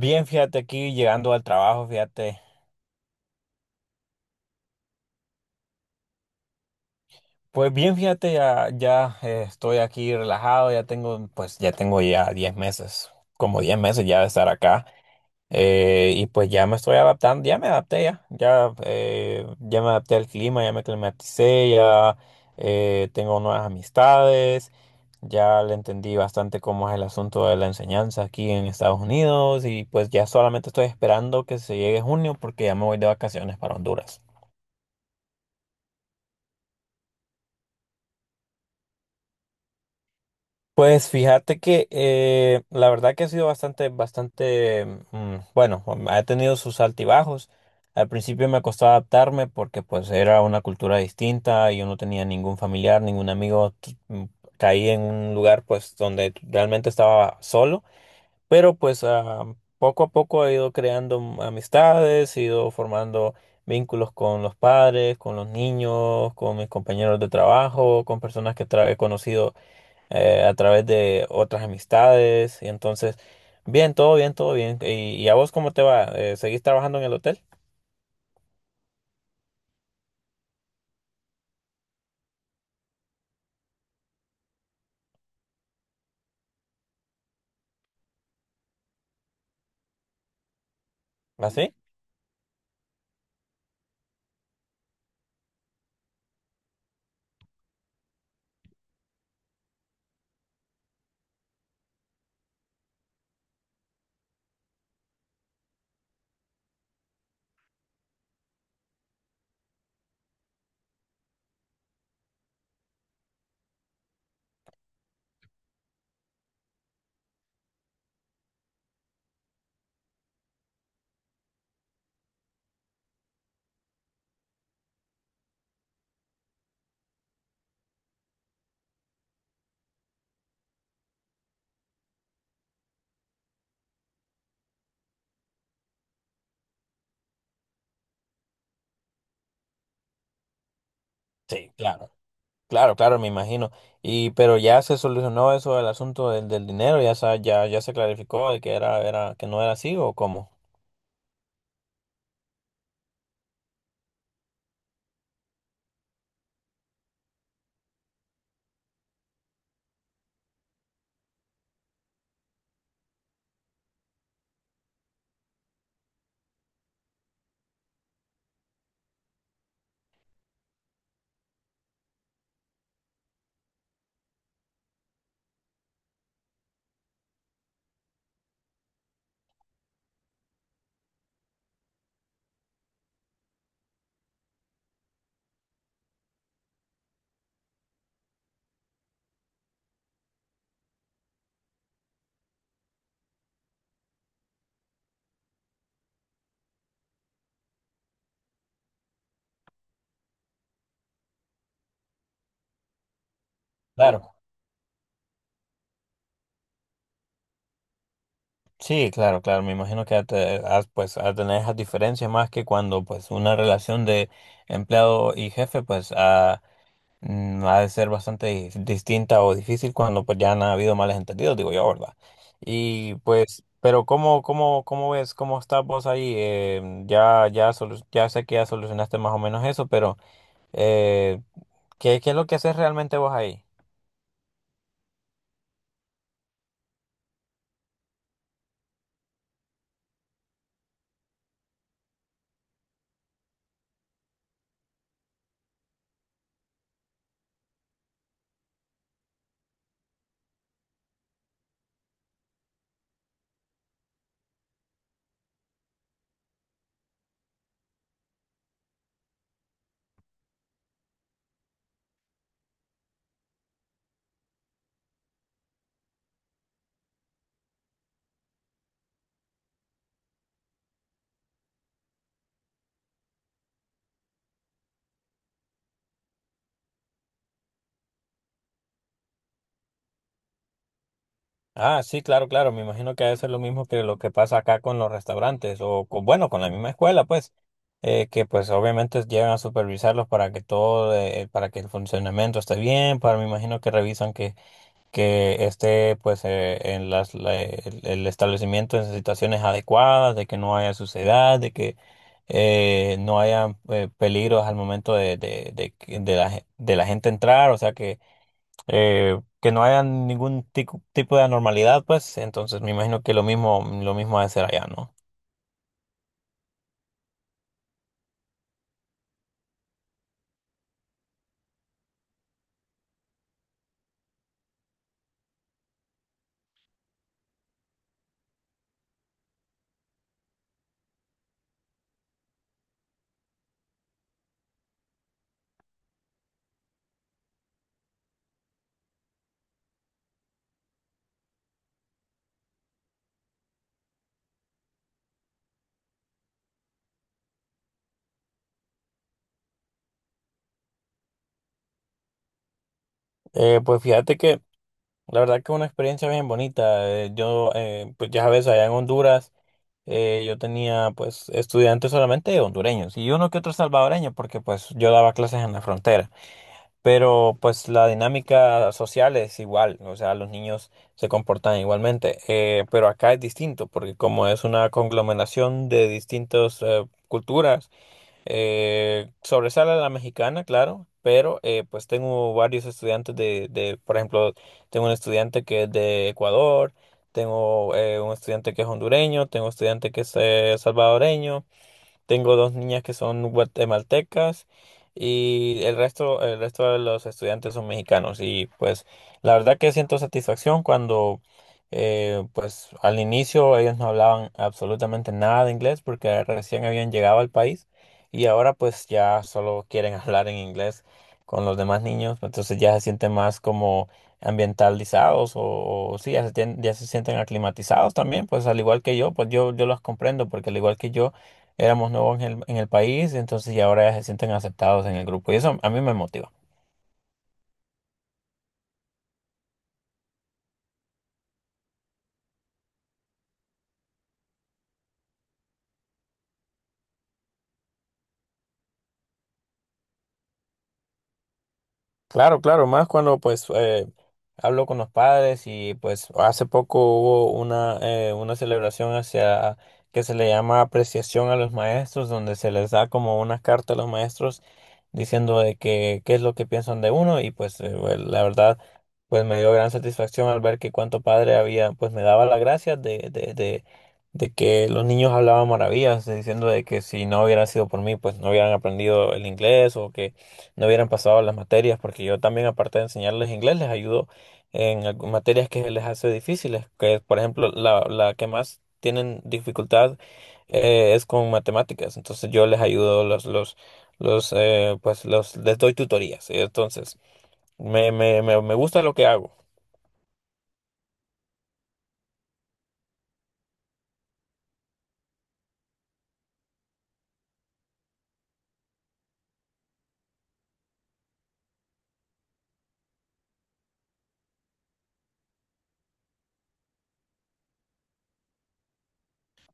Bien, fíjate aquí llegando al trabajo, fíjate. Pues bien, fíjate, estoy aquí relajado, ya tengo, pues ya tengo 10 meses, como 10 meses ya de estar acá. Y pues ya me estoy adaptando, ya me adapté al clima, ya me climaticé, ya tengo nuevas amistades, ya le entendí bastante cómo es el asunto de la enseñanza aquí en Estados Unidos y pues ya solamente estoy esperando que se llegue junio porque ya me voy de vacaciones para Honduras. Pues fíjate que la verdad que ha sido bastante, bueno, ha tenido sus altibajos. Al principio me costó adaptarme porque pues era una cultura distinta, y yo no tenía ningún familiar, ningún amigo, caí en un lugar pues donde realmente estaba solo, pero pues poco a poco he ido creando amistades, he ido formando vínculos con los padres, con los niños, con mis compañeros de trabajo, con personas que he conocido a través de otras amistades. Y entonces, bien, todo bien, todo bien. Y a vos cómo te va? Seguís trabajando en el hotel? ¿Así? Sí, claro. Claro, claro, me imagino. Y pero ya se solucionó eso del asunto del, del dinero, ya ya se clarificó de que era que no era así o cómo. Claro. Sí, claro, claro, me imagino que has, pues a tener esas diferencias más que cuando pues una relación de empleado y jefe pues. Ha de ser bastante distinta o difícil cuando pues ya han habido males entendidos, digo yo, ¿verdad? Y pues, pero ¿cómo, cómo, cómo ves, cómo estás vos ahí? Ya sé que ya solucionaste más o menos eso, pero eh, ¿qué, qué es lo que haces realmente vos ahí? Ah, sí, claro, claro, me imagino que ha de ser lo mismo que lo que pasa acá con los restaurantes o con, bueno, con la misma escuela, pues, que pues obviamente llegan a supervisarlos para que todo, para que el funcionamiento esté bien, para me imagino que revisan que esté pues en las, el establecimiento en situaciones adecuadas, de que no haya suciedad, de que no haya peligros al momento de, de la, de la gente entrar, o sea que no haya ningún tipo de anormalidad, pues entonces me imagino que lo mismo ha de ser allá, ¿no? Pues fíjate que la verdad que una experiencia bien bonita. Pues ya sabes, allá en Honduras, yo tenía pues estudiantes solamente hondureños y uno que otro salvadoreño, porque pues yo daba clases en la frontera. Pero pues la dinámica social es igual, o sea, los niños se comportan igualmente. Pero acá es distinto, porque como es una conglomeración de distintas culturas, sobresale la mexicana, claro, pero pues tengo varios estudiantes de, por ejemplo, tengo un estudiante que es de Ecuador, tengo un estudiante que es hondureño, tengo un estudiante que es salvadoreño. Tengo dos niñas que son guatemaltecas y el resto de los estudiantes son mexicanos. Y pues la verdad que siento satisfacción cuando pues al inicio ellos no hablaban absolutamente nada de inglés porque recién habían llegado al país y ahora pues ya solo quieren hablar en inglés con los demás niños. Entonces ya se sienten más como ambientalizados o sí, ya se sienten aclimatizados también, pues al igual que yo, pues yo los comprendo porque al igual que yo éramos nuevos en el país, entonces y ahora ya se sienten aceptados en el grupo. Y eso a mí me motiva. Claro, claro, más cuando pues hablo con los padres y pues hace poco hubo una celebración hacia que se le llama apreciación a los maestros, donde se les da como una carta a los maestros diciendo de que qué es lo que piensan de uno y pues bueno, la verdad pues me dio gran satisfacción al ver que cuánto padre había, pues me daba las gracias de que los niños hablaban maravillas, diciendo de que si no hubiera sido por mí pues no hubieran aprendido el inglés o que no hubieran pasado las materias, porque yo también, aparte de enseñarles inglés, les ayudo en materias que les hace difíciles, que por ejemplo, la que más tienen dificultad es con matemáticas, entonces yo les ayudo, los, pues los, les doy tutorías, entonces me gusta lo que hago.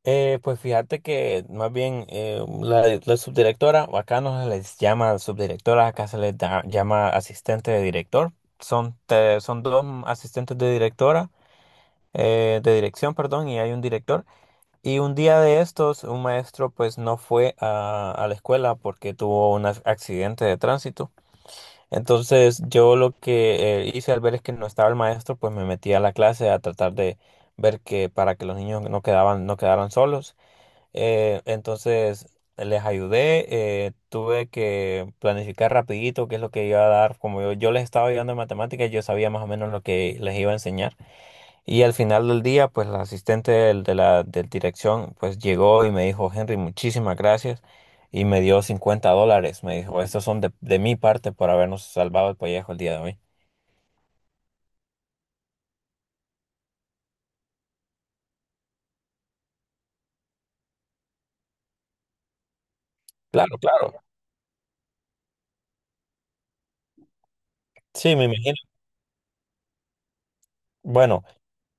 Pues fíjate que más bien la, la subdirectora, o acá no se les llama subdirectora, acá se les llama asistente de director. Son, son dos asistentes de directora, de dirección, perdón, y hay un director. Y un día de estos, un maestro pues no fue a la escuela porque tuvo un accidente de tránsito. Entonces yo lo que hice al ver es que no estaba el maestro, pues me metí a la clase a tratar de ver que para que los niños no quedaban, no quedaran solos. Entonces les ayudé, tuve que planificar rapidito qué es lo que iba a dar, como yo les estaba ayudando en matemáticas, yo sabía más o menos lo que les iba a enseñar. Y al final del día, pues la asistente de la del dirección, pues llegó y me dijo: Henry, muchísimas gracias. Y me dio $50, me dijo: estos son de mi parte por habernos salvado el pellejo el día de hoy. Claro, claro. Sí, me imagino. Bueno.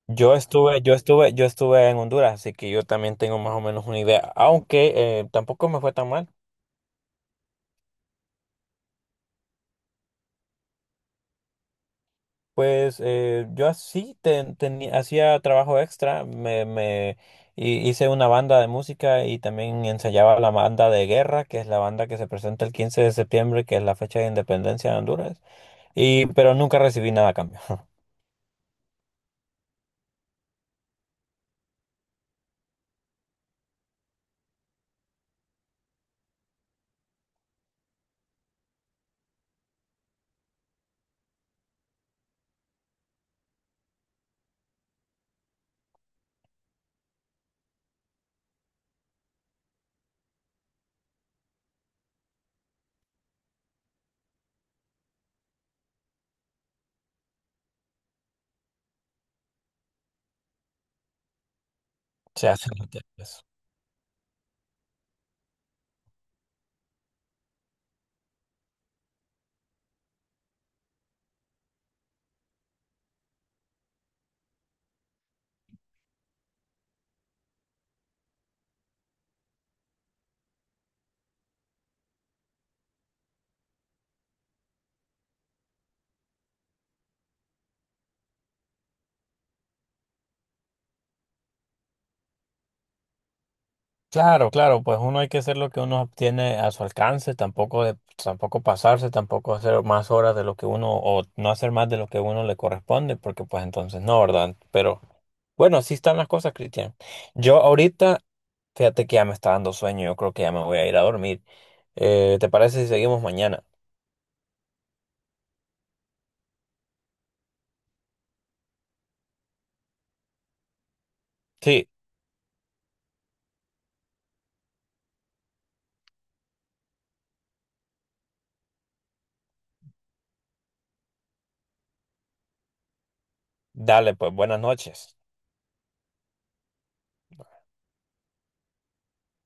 Yo estuve en Honduras, así que yo también tengo más o menos una idea, aunque tampoco me fue tan mal. Pues yo así hacía trabajo extra, me hice una banda de música y también ensayaba la banda de guerra, que es la banda que se presenta el 15 de septiembre, que es la fecha de independencia de Honduras, y pero nunca recibí nada a cambio. O sea, claro, claro, pues uno hay que hacer lo que uno tiene a su alcance, tampoco de, tampoco pasarse, tampoco hacer más horas de lo que uno, o no hacer más de lo que uno le corresponde, porque pues entonces no, ¿verdad? Pero bueno, así están las cosas, Cristian. Yo ahorita, fíjate que ya me está dando sueño, yo creo que ya me voy a ir a dormir. ¿Te parece si seguimos mañana? Sí, dale, pues buenas noches.